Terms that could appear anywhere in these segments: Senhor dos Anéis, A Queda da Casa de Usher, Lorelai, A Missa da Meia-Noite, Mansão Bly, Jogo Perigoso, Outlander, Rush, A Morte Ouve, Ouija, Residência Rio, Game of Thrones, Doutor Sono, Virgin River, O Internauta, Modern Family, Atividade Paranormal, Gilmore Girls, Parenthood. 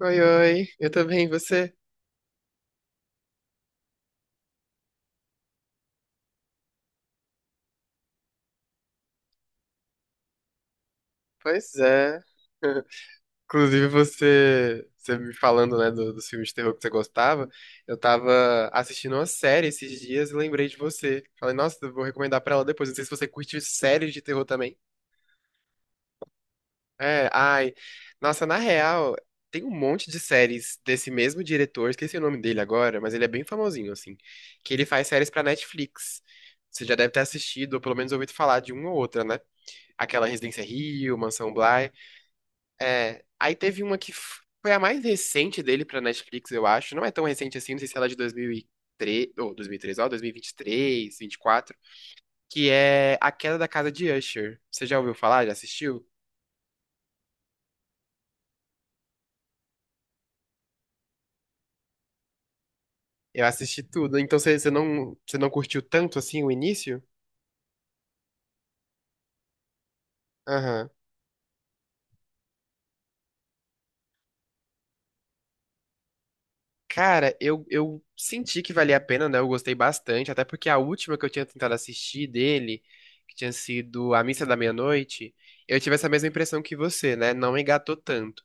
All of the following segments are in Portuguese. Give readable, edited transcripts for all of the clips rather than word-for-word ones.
Oi, oi, eu também, e você? Pois é. Inclusive, você me falando, né, dos filmes de terror que você gostava, eu tava assistindo uma série esses dias e lembrei de você. Falei, nossa, eu vou recomendar pra ela depois. Não sei se você curte séries de terror também. É, ai. Nossa, na real, tem um monte de séries desse mesmo diretor, esqueci o nome dele agora, mas ele é bem famosinho, assim, que ele faz séries pra Netflix. Você já deve ter assistido, ou pelo menos ouvido falar de uma ou outra, né? Aquela Residência Rio, Mansão Bly. É, aí teve uma que foi a mais recente dele pra Netflix, eu acho. Não é tão recente assim, não sei se ela é de 2003 ou 2003, ó, 2023, 24. Que é A Queda da Casa de Usher. Você já ouviu falar? Já assistiu? Eu assisti tudo. Então você não, você não curtiu tanto assim o início? Aham. Cara, eu senti que valia a pena, né? Eu gostei bastante, até porque a última que eu tinha tentado assistir dele, que tinha sido A Missa da Meia-Noite, eu tive essa mesma impressão que você, né? Não engatou tanto.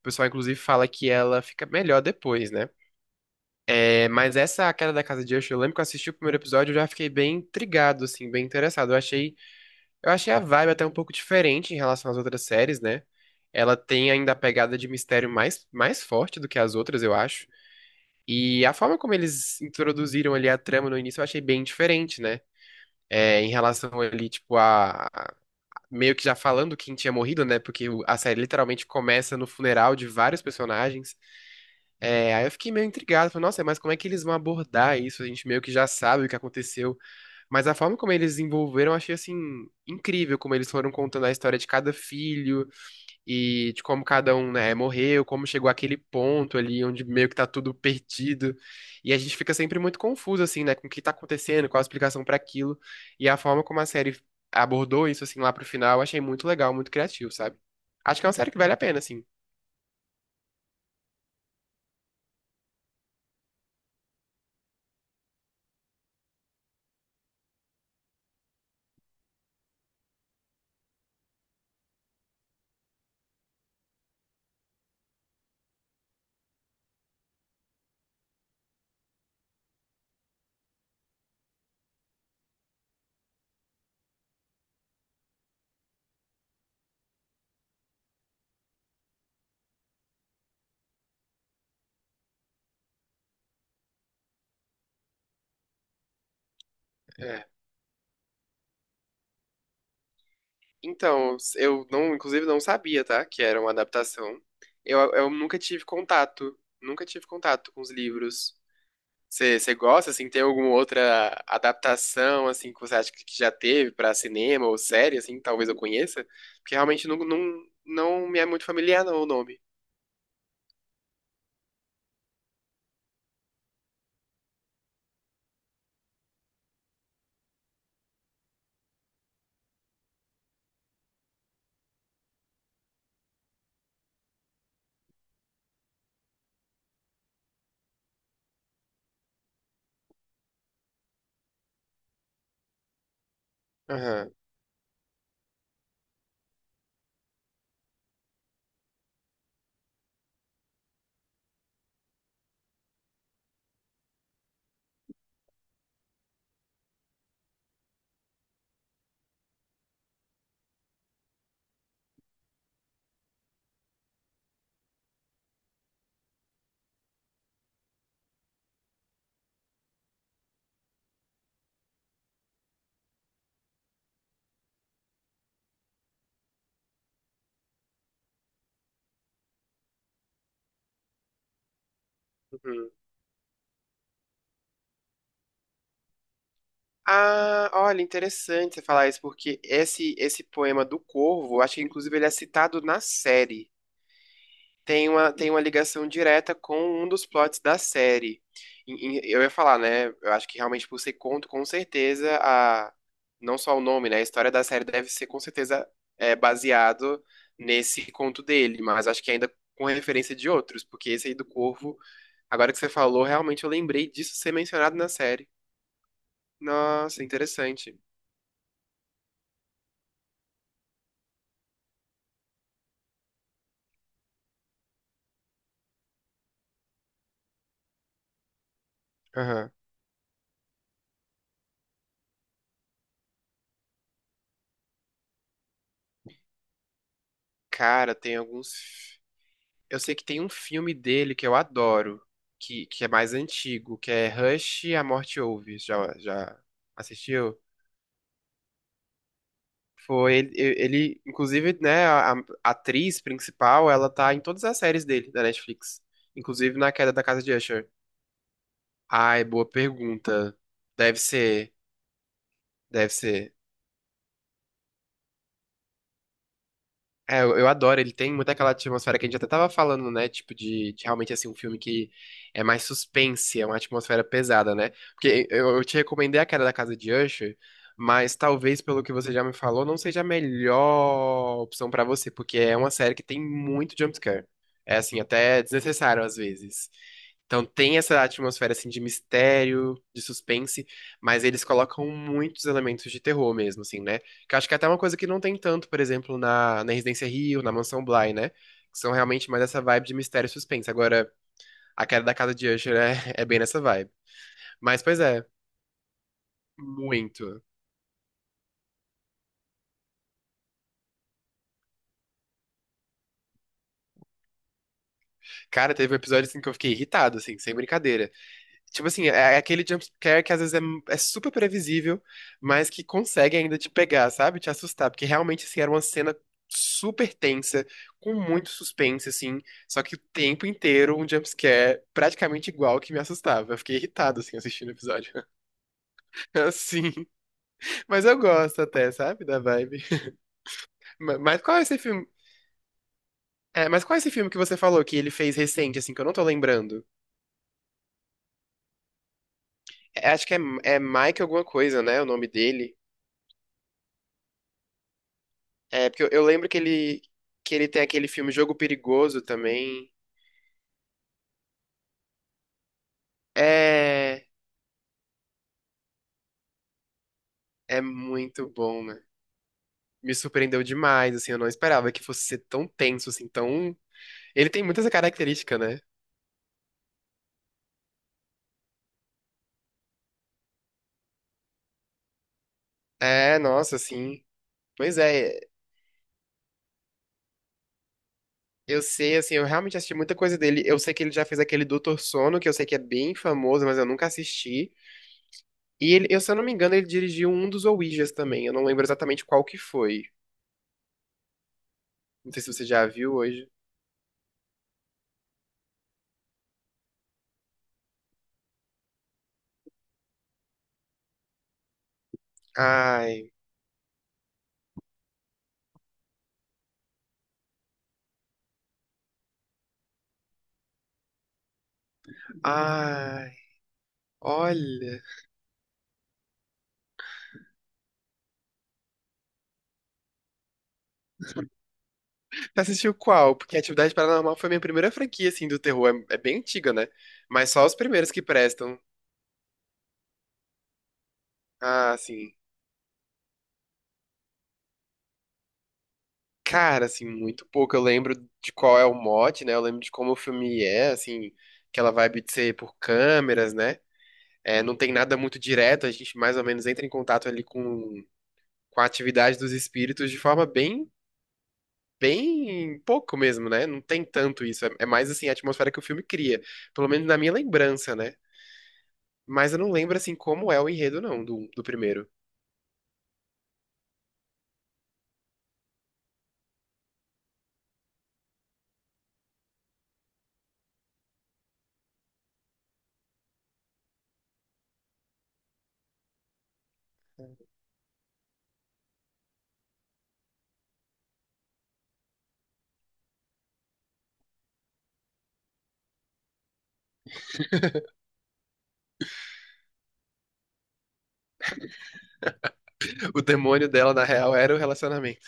O pessoal, inclusive, fala que ela fica melhor depois, né? É, mas essa A Queda da Casa de Usher, eu lembro que eu assisti o primeiro episódio, eu já fiquei bem intrigado, assim, bem interessado. Eu achei a vibe até um pouco diferente em relação às outras séries, né? Ela tem ainda a pegada de mistério mais, mais forte do que as outras, eu acho. E a forma como eles introduziram ali a trama no início eu achei bem diferente, né? É, em relação ali, tipo, Meio que já falando quem tinha morrido, né? Porque a série literalmente começa no funeral de vários personagens. É, aí eu fiquei meio intrigado. Falei, nossa, mas como é que eles vão abordar isso? A gente meio que já sabe o que aconteceu. Mas a forma como eles envolveram, eu achei, assim, incrível. Como eles foram contando a história de cada filho e de como cada um, né, morreu, como chegou àquele ponto ali onde meio que tá tudo perdido. E a gente fica sempre muito confuso, assim, né, com o que tá acontecendo, qual a explicação pra aquilo. E a forma como a série abordou isso, assim, lá pro final, eu achei muito legal, muito criativo, sabe? Acho que é uma série que vale a pena, assim. É. Então, eu não, inclusive não sabia, tá, que era uma adaptação. Eu nunca tive contato, com os livros. Você gosta, assim, tem alguma outra adaptação, assim, que você acha que já teve pra cinema ou série, assim, talvez eu conheça? Porque realmente não, não, não me é muito familiar, não, o nome. Aham. Uhum. Ah, olha, interessante você falar isso, porque esse poema do Corvo, eu acho que inclusive ele é citado na série. Tem uma ligação direta com um dos plots da série. Eu ia falar, né? Eu acho que realmente por ser conto, com certeza, a, não só o nome, né? A história da série deve ser com certeza é, baseado nesse conto dele, mas acho que ainda com referência de outros, porque esse aí do Corvo, agora que você falou, realmente eu lembrei disso ser mencionado na série. Nossa, interessante. Aham. Cara, tem alguns eu sei que tem um filme dele que eu adoro, que é mais antigo, que é Rush, A Morte Ouve. Já, já assistiu? Foi ele, inclusive, né, a atriz principal, ela tá em todas as séries dele da Netflix, inclusive na Queda da Casa de Usher. Ai, boa pergunta. Deve ser, deve ser. É, eu adoro, ele tem muito aquela atmosfera que a gente até tava falando, né? Tipo, de realmente, assim, um filme que é mais suspense, é uma atmosfera pesada, né? Porque eu te recomendei a Queda da Casa de Usher, mas talvez, pelo que você já me falou, não seja a melhor opção pra você, porque é uma série que tem muito jumpscare. É, assim, até desnecessário às vezes. Então tem essa atmosfera, assim, de mistério, de suspense, mas eles colocam muitos elementos de terror mesmo, assim, né? Que eu acho que é até uma coisa que não tem tanto, por exemplo, na Residência Rio, na Mansão Bly, né? Que são realmente mais essa vibe de mistério e suspense. Agora, a queda da casa de Usher é, é bem nessa vibe. Mas, pois é, muito. Cara, teve um episódio assim que eu fiquei irritado, assim, sem brincadeira. Tipo assim, é aquele jumpscare que às vezes é, é super previsível, mas que consegue ainda te pegar, sabe? Te assustar. Porque realmente, assim, era uma cena super tensa, com muito suspense, assim. Só que o tempo inteiro um jumpscare praticamente igual que me assustava. Eu fiquei irritado, assim, assistindo o episódio. Assim. Mas eu gosto até, sabe? Da vibe. Mas qual é esse filme? É, mas qual é esse filme que você falou que ele fez recente, assim, que eu não tô lembrando? É, acho que é Mike alguma coisa, né? O nome dele. É, porque eu lembro que que ele tem aquele filme Jogo Perigoso também. É, é muito bom, né? Me surpreendeu demais, assim, eu não esperava que fosse ser tão tenso, assim, tão. Ele tem muita essa característica, né? É, nossa, assim. Pois é, eu sei, assim, eu realmente assisti muita coisa dele. Eu sei que ele já fez aquele Doutor Sono, que eu sei que é bem famoso, mas eu nunca assisti. E ele, eu, se eu não me engano, ele dirigiu um dos Ouijas também. Eu não lembro exatamente qual que foi. Não sei se você já viu hoje. Ai, ai. Olha, você assistiu qual? Porque Atividade Paranormal foi minha primeira franquia, assim, do terror. É bem antiga, né? Mas só os primeiros que prestam. Ah, assim, cara, assim, muito pouco. Eu lembro de qual é o mote, né? Eu lembro de como o filme é, assim, aquela vibe de ser por câmeras, né? É, não tem nada muito direto, a gente mais ou menos entra em contato ali com a atividade dos espíritos de forma bem, bem pouco mesmo, né? Não tem tanto isso. É mais, assim, a atmosfera que o filme cria. Pelo menos na minha lembrança, né? Mas eu não lembro, assim, como é o enredo, não, do primeiro. O demônio dela, na real, era o relacionamento.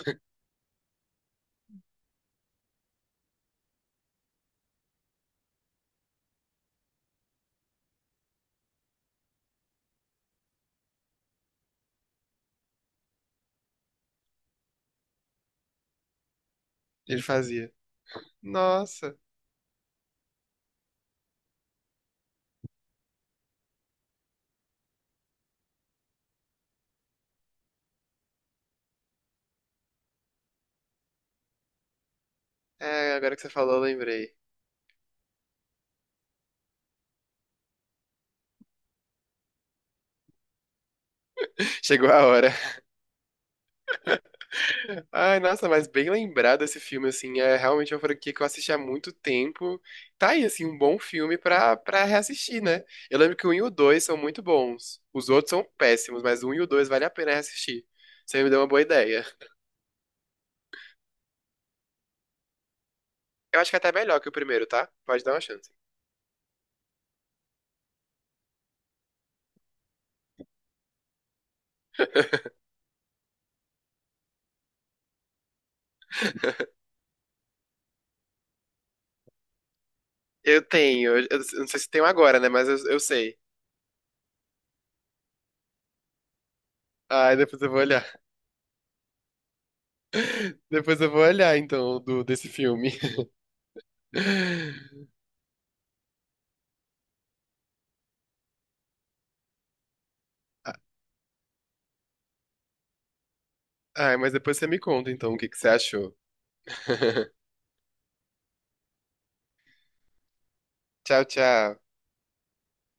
Ele fazia. Nossa. É, agora que você falou, eu lembrei. Chegou a hora. Ai, nossa, mas bem lembrado esse filme, assim. É realmente uma franquia que eu assisti há muito tempo. Tá aí, assim, um bom filme pra reassistir, né? Eu lembro que o um e o 2 são muito bons. Os outros são péssimos, mas o um e o 2 vale a pena reassistir. Você me deu uma boa ideia. Eu acho que é até melhor que o primeiro, tá? Pode dar uma chance. Eu tenho, eu não sei se tenho agora, né? Mas eu sei. Ai, depois eu vou olhar. Depois eu vou olhar, então, desse filme. Ai, mas depois você me conta, então, o que que você achou. Tchau, tchau.